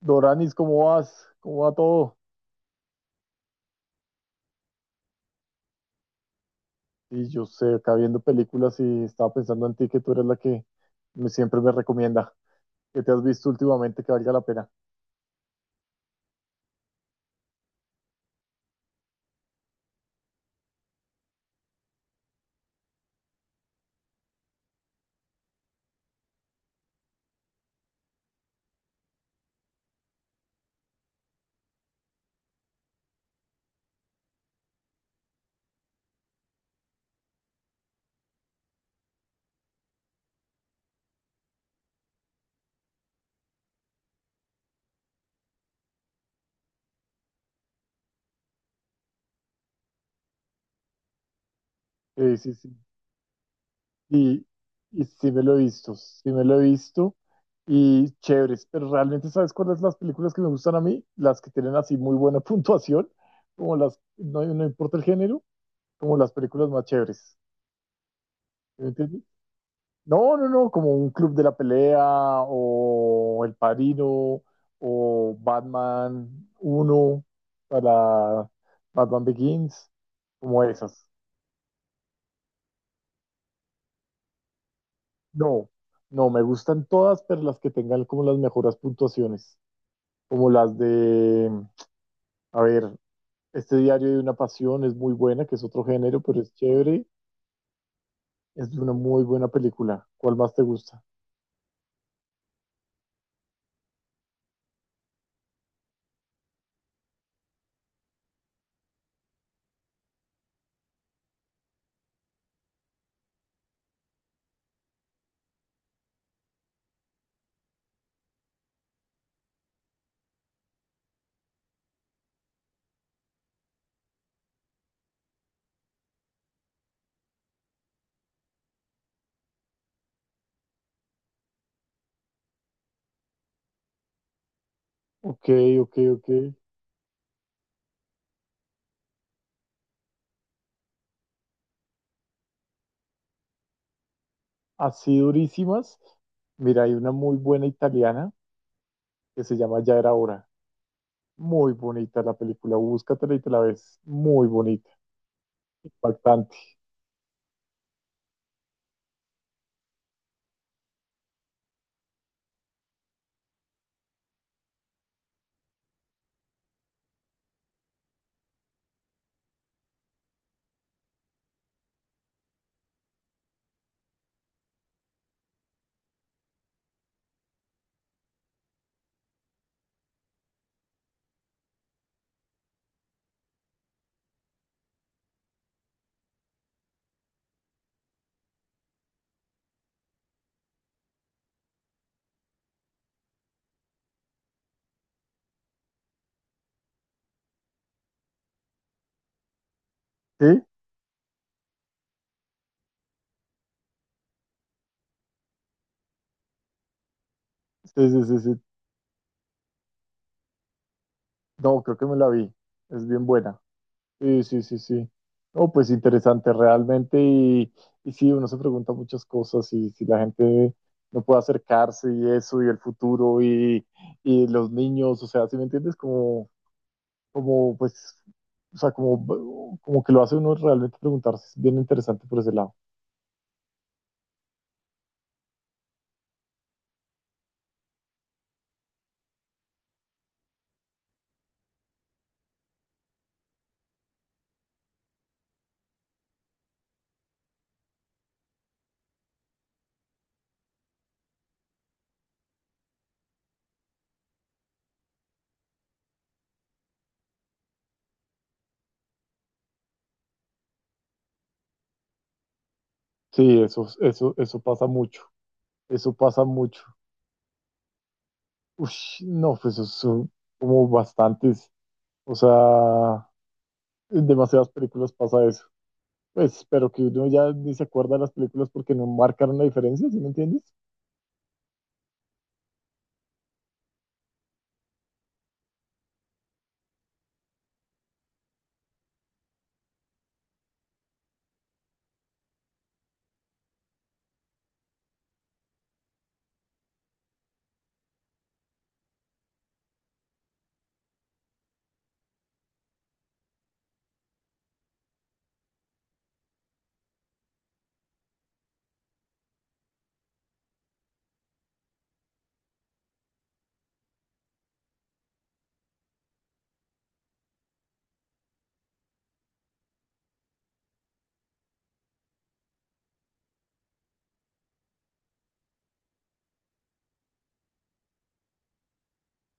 Doranis, ¿cómo vas? ¿Cómo va todo? Y yo sé, acá viendo películas y estaba pensando en ti, que tú eres la que siempre me recomienda. ¿Qué te has visto últimamente que valga la pena? Sí, sí. Y, y sí me lo he visto, sí me lo he visto. Y chéveres, pero realmente, ¿sabes cuáles las películas que me gustan a mí? Las que tienen así muy buena puntuación, como no, no importa el género, como las películas más chéveres. No, no, no, como Un Club de la Pelea o El Padrino o Batman uno, para Batman Begins, como esas. No, no, me gustan todas, pero las que tengan como las mejores puntuaciones, como las de, a ver, este Diario de una Pasión es muy buena, que es otro género, pero es chévere, es una muy buena película. ¿Cuál más te gusta? Ok, ok, ok. Así durísimas. Mira, hay una muy buena italiana que se llama Ya Era Hora. Muy bonita la película, búscatela y te la ves. Muy bonita, impactante. ¿Sí? Sí, sí, sí, sí. No, creo que me la vi. Es bien buena. Sí, sí, sí, sí. No, pues interesante realmente. Y sí, uno se pregunta muchas cosas y si la gente no puede acercarse y eso y el futuro y los niños, o sea, ¿si me entiendes? Como, como pues, o sea, como, como que lo hace uno realmente preguntarse. Es bien interesante por ese lado. Sí, eso pasa mucho. Eso pasa mucho. Ush, no, pues eso son como bastantes. O sea, en demasiadas películas pasa eso. Pues, pero que uno ya ni se acuerda de las películas porque no marcaron la diferencia, ¿sí me entiendes?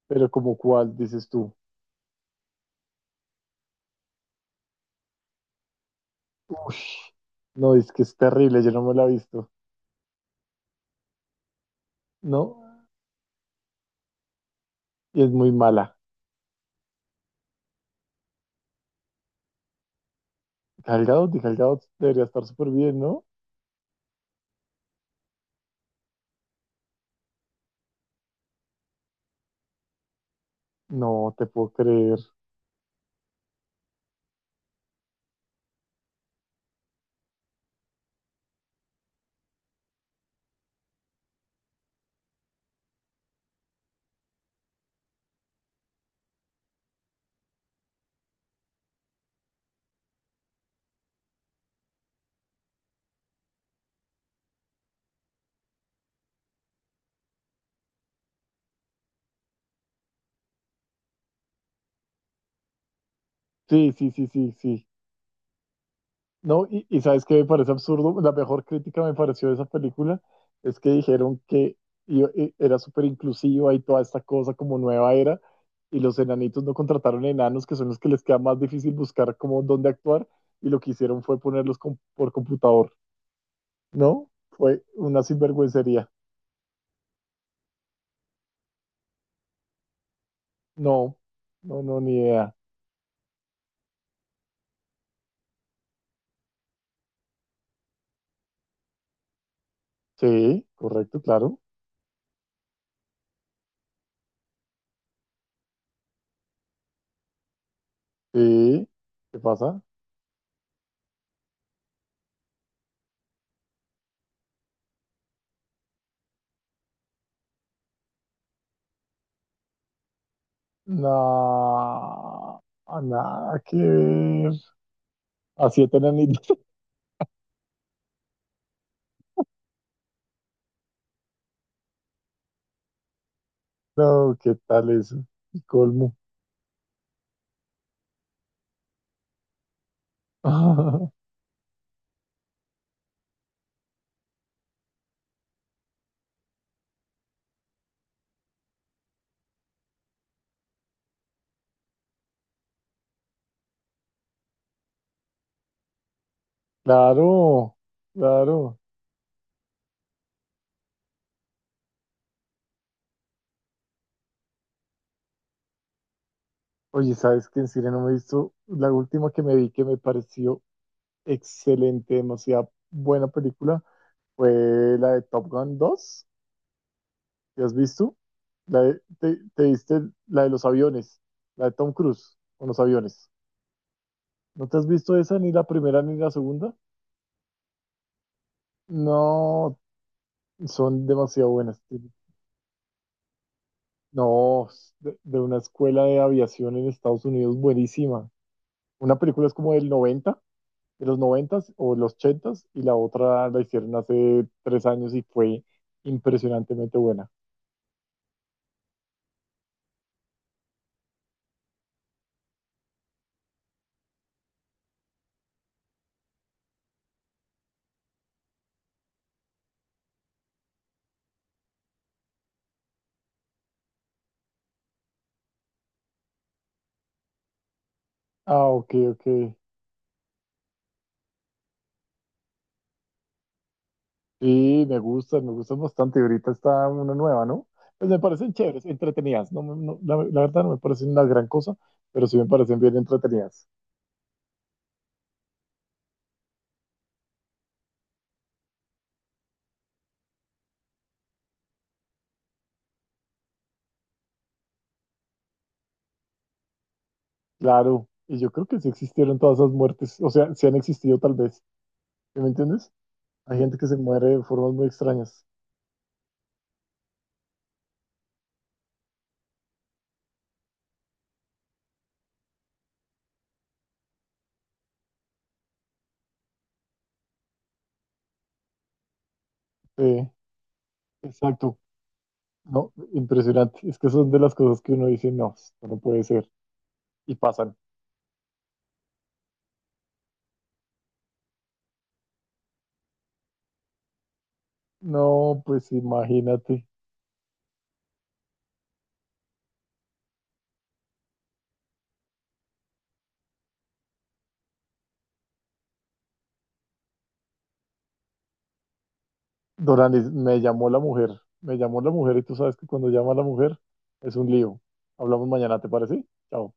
Pero como cuál, dices tú. Ush, no, es que es terrible, yo no me la he visto. No, y es muy mala. Gal Gadot, y Gal Gadot debería estar súper bien, ¿no? No te puedo creer. Sí, sí, sí, sí, sí. No, y sabes qué me parece absurdo, la mejor crítica me pareció de esa película es que dijeron que era súper inclusiva y toda esta cosa como nueva era, y los enanitos no contrataron enanos, que son los que les queda más difícil buscar como dónde actuar, y lo que hicieron fue ponerlos por computador, ¿no? Fue una sinvergüencería. No, no, no, ni idea. Sí, correcto, claro. Sí, ¿qué pasa? No, nada que ver. A siete enanitos. No, ¿qué tal eso? El colmo. Claro, claro. Oye, ¿sabes qué? En serio no me he visto. La última que me vi que me pareció excelente, demasiado buena película, fue la de Top Gun dos. ¿Te has visto? Te, te viste la de los aviones, la de Tom Cruise con los aviones. ¿No te has visto esa, ni la primera ni la segunda? No, son demasiado buenas. No, de una escuela de aviación en Estados Unidos buenísima. Una película es como del 90, de los 90 o los 80, y la otra la hicieron hace 3 años y fue impresionantemente buena. Ah, ok, ok. Sí, me gustan bastante. Ahorita está una nueva, ¿no? Pues me parecen chéveres, entretenidas. No, la verdad no me parecen una gran cosa, pero sí me parecen bien entretenidas. Claro, y yo creo que sí existieron todas esas muertes, o sea, sí han existido tal vez. ¿Sí? ¿Me entiendes? Hay gente que se muere de formas muy extrañas. Sí, exacto. No, impresionante. Es que son de las cosas que uno dice, no, esto no puede ser. Y pasan. No, pues imagínate. Doranis, me llamó la mujer. Me llamó la mujer y tú sabes que cuando llama a la mujer es un lío. Hablamos mañana, ¿te parece? Chao.